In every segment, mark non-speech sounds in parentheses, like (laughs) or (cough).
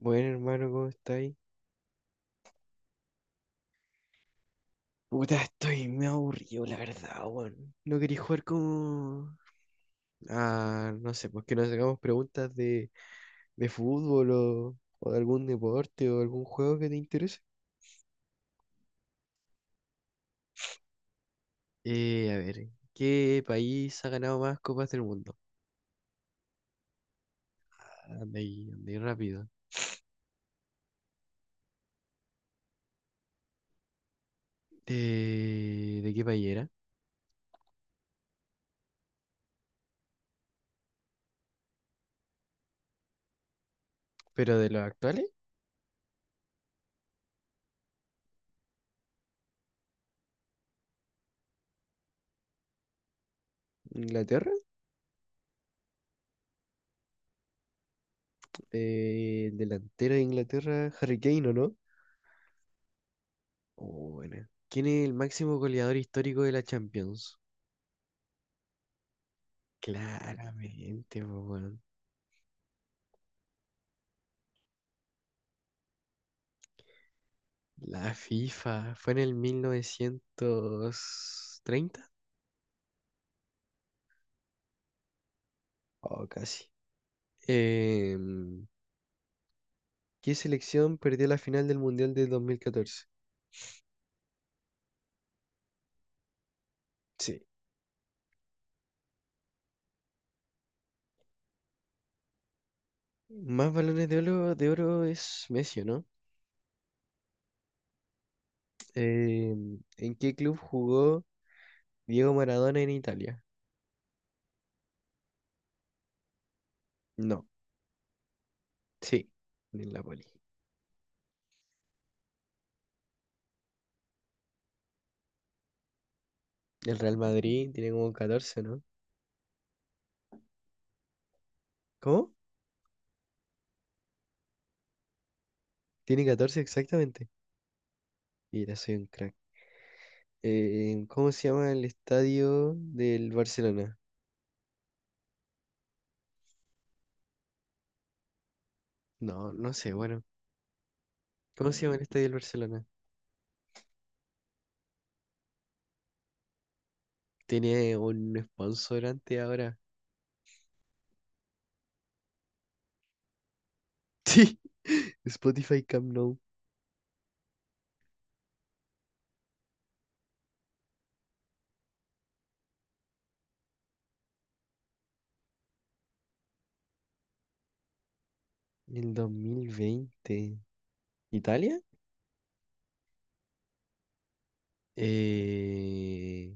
Bueno, hermano, ¿cómo estáis? Puta, estoy me aburrido, la verdad, weón. No quería jugar como... no sé, pues que nos hagamos preguntas de fútbol o de algún deporte o algún juego que te interese. A ver, ¿qué país ha ganado más copas del mundo? Anda ahí rápido. ¿De qué país era? ¿Pero de los actuales? ¿Inglaterra? El delantero de Inglaterra, Harry Kane, ¿o no? Oh, buena. ¿Quién es el máximo goleador histórico de la Champions? Claramente, po, weón. La FIFA fue en el 1930 o casi. Em, ¿Qué selección perdió la final del Mundial de 2014? Sí. Más balones de oro es Messi, ¿o ¿no? ¿En qué club jugó Diego Maradona en Italia? No. Sí, en el Napoli. El Real Madrid tiene como 14, ¿no? ¿Cómo? Tiene 14 exactamente. Mira, soy un crack. ¿Cómo se llama el estadio del Barcelona? No, no sé, bueno. ¿Cómo se llama el estadio del Barcelona? Tiene un sponsorante ahora. (laughs) Sí, Spotify Camp Nou. El 2020. ¿Italia? Eh,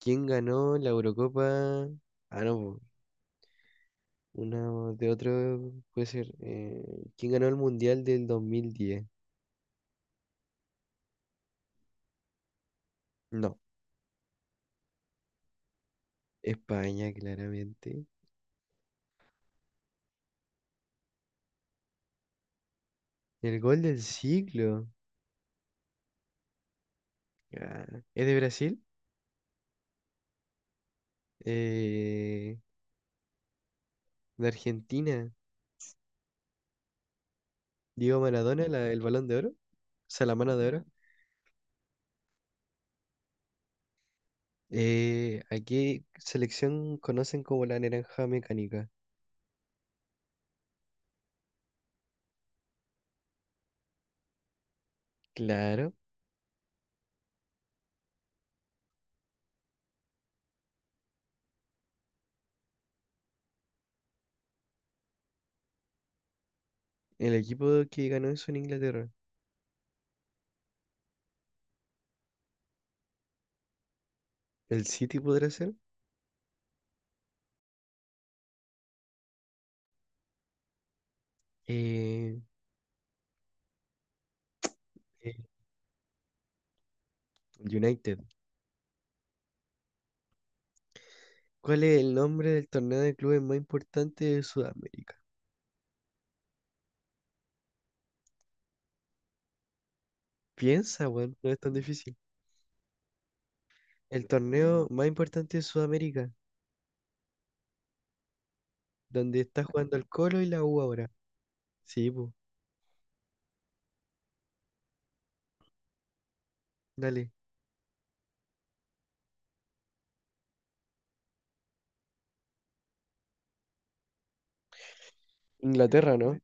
¿Quién ganó la Eurocopa? Ah, no, po, una de otro puede ser. ¿Quién ganó el Mundial del 2010? No, España, claramente. El gol del siglo. Ah, ¿es de Brasil? eh, de Argentina, Diego Maradona, el Balón de Oro, o sea, la mano de oro. ¿A qué selección conocen como la naranja mecánica? Claro, el equipo que ganó eso en Inglaterra. ¿El City podrá ser? Eh, eh, United. ¿Cuál es el nombre del torneo de clubes más importante de Sudamérica? Piensa, weón, no es tan difícil. El torneo más importante de Sudamérica, donde está jugando el Colo y la U ahora. Sí, pues, dale. Inglaterra, ¿no?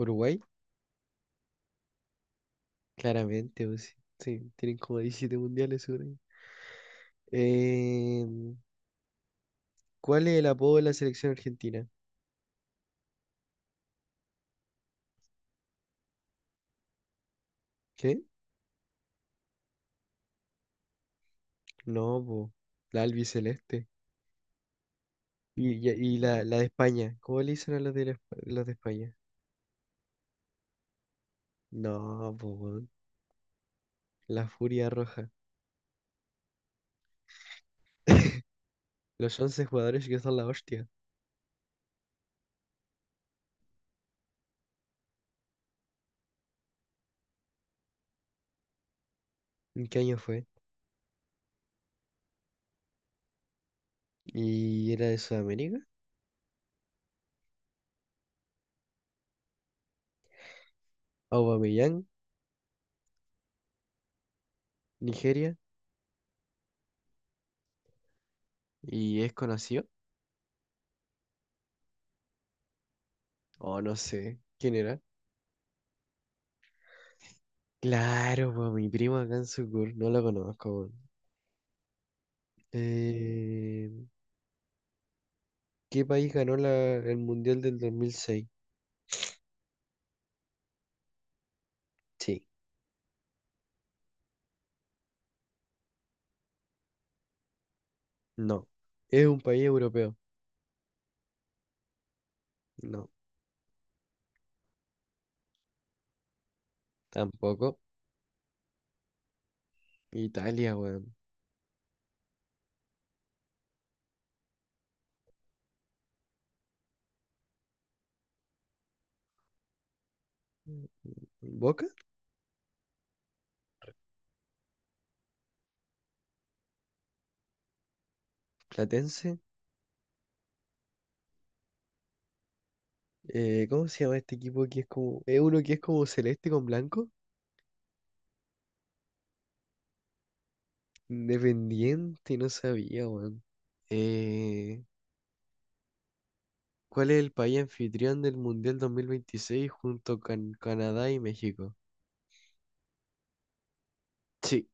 Uruguay. Claramente, pues, sí, sí, tienen como 17 mundiales, seguro. Eh, ¿Cuál es el apodo de la selección argentina? ¿Qué? No, po, la albiceleste. Y la de España, ¿cómo le dicen a los de España? No, po, weón, la Furia Roja. (laughs) Los 11 jugadores que son la hostia. ¿En qué año fue? ¿Y era de Sudamérica? Aubameyang, Nigeria. ¿Y es conocido? Oh, no sé. ¿Quién era? Claro, po, mi primo acá en Sucur. No lo conozco. Eh, ¿Qué país ganó el Mundial del 2006? Sí, no. ¿Es un país europeo? No, tampoco. Italia, weón. ¿Boca? ¿Platense? ¿Cómo se llama este equipo que es como... es uno que es como celeste con blanco? Independiente, no sabía, weón. Eh, ¿Cuál es el país anfitrión del Mundial 2026 junto con Canadá y México? Sí.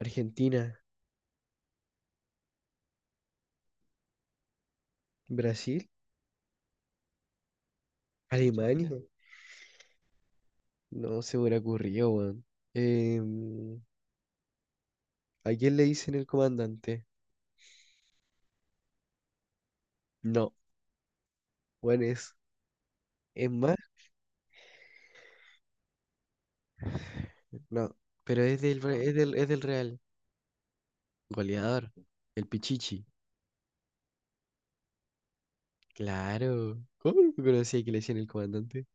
Argentina, Brasil, Alemania. No se me hubiera ocurrido, weón. Em, ¿A quién le dicen el comandante? No, bueno, es más, no, pero es es del Real. Goleador, el Pichichi. Claro. ¿Cómo no conocía que le decían el comandante?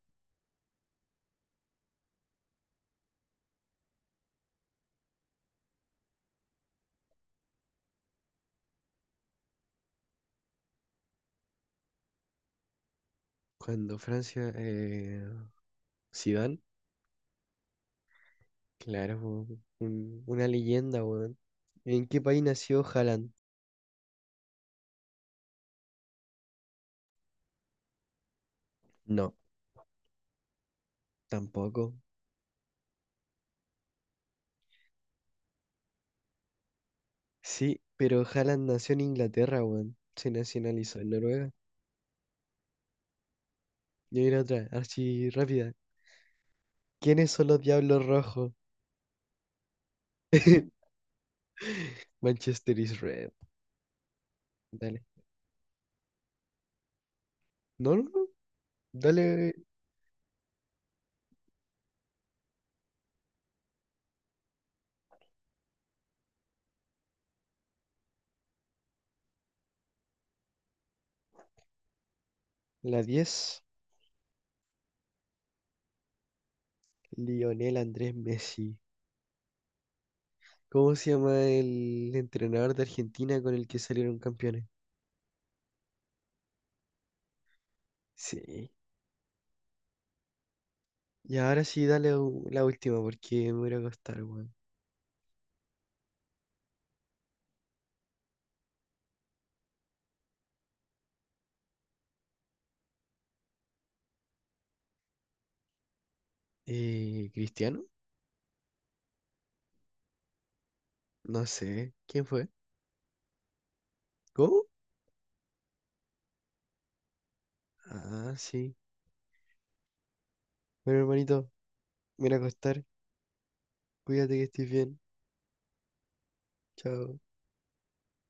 Cuando Francia, Zidane, claro, po, una leyenda, weón. ¿En qué país nació Haaland? No, tampoco. Sí, pero Haaland nació en Inglaterra, weón. Se nacionalizó en Noruega. Yo iré otra, así rápida. ¿Quiénes son los diablos rojos? (laughs) Manchester is red. Dale. No, no, no. Dale la 10. Lionel Andrés Messi. ¿Cómo se llama el entrenador de Argentina con el que salieron campeones? Sí. Y ahora sí, la última porque me voy a ir a acostar, weón. ¿Cristiano? No sé. ¿Quién fue? ¿Cómo? Ah, sí. Bueno, hermanito, me voy a acostar. Cuídate que estés bien. Chao.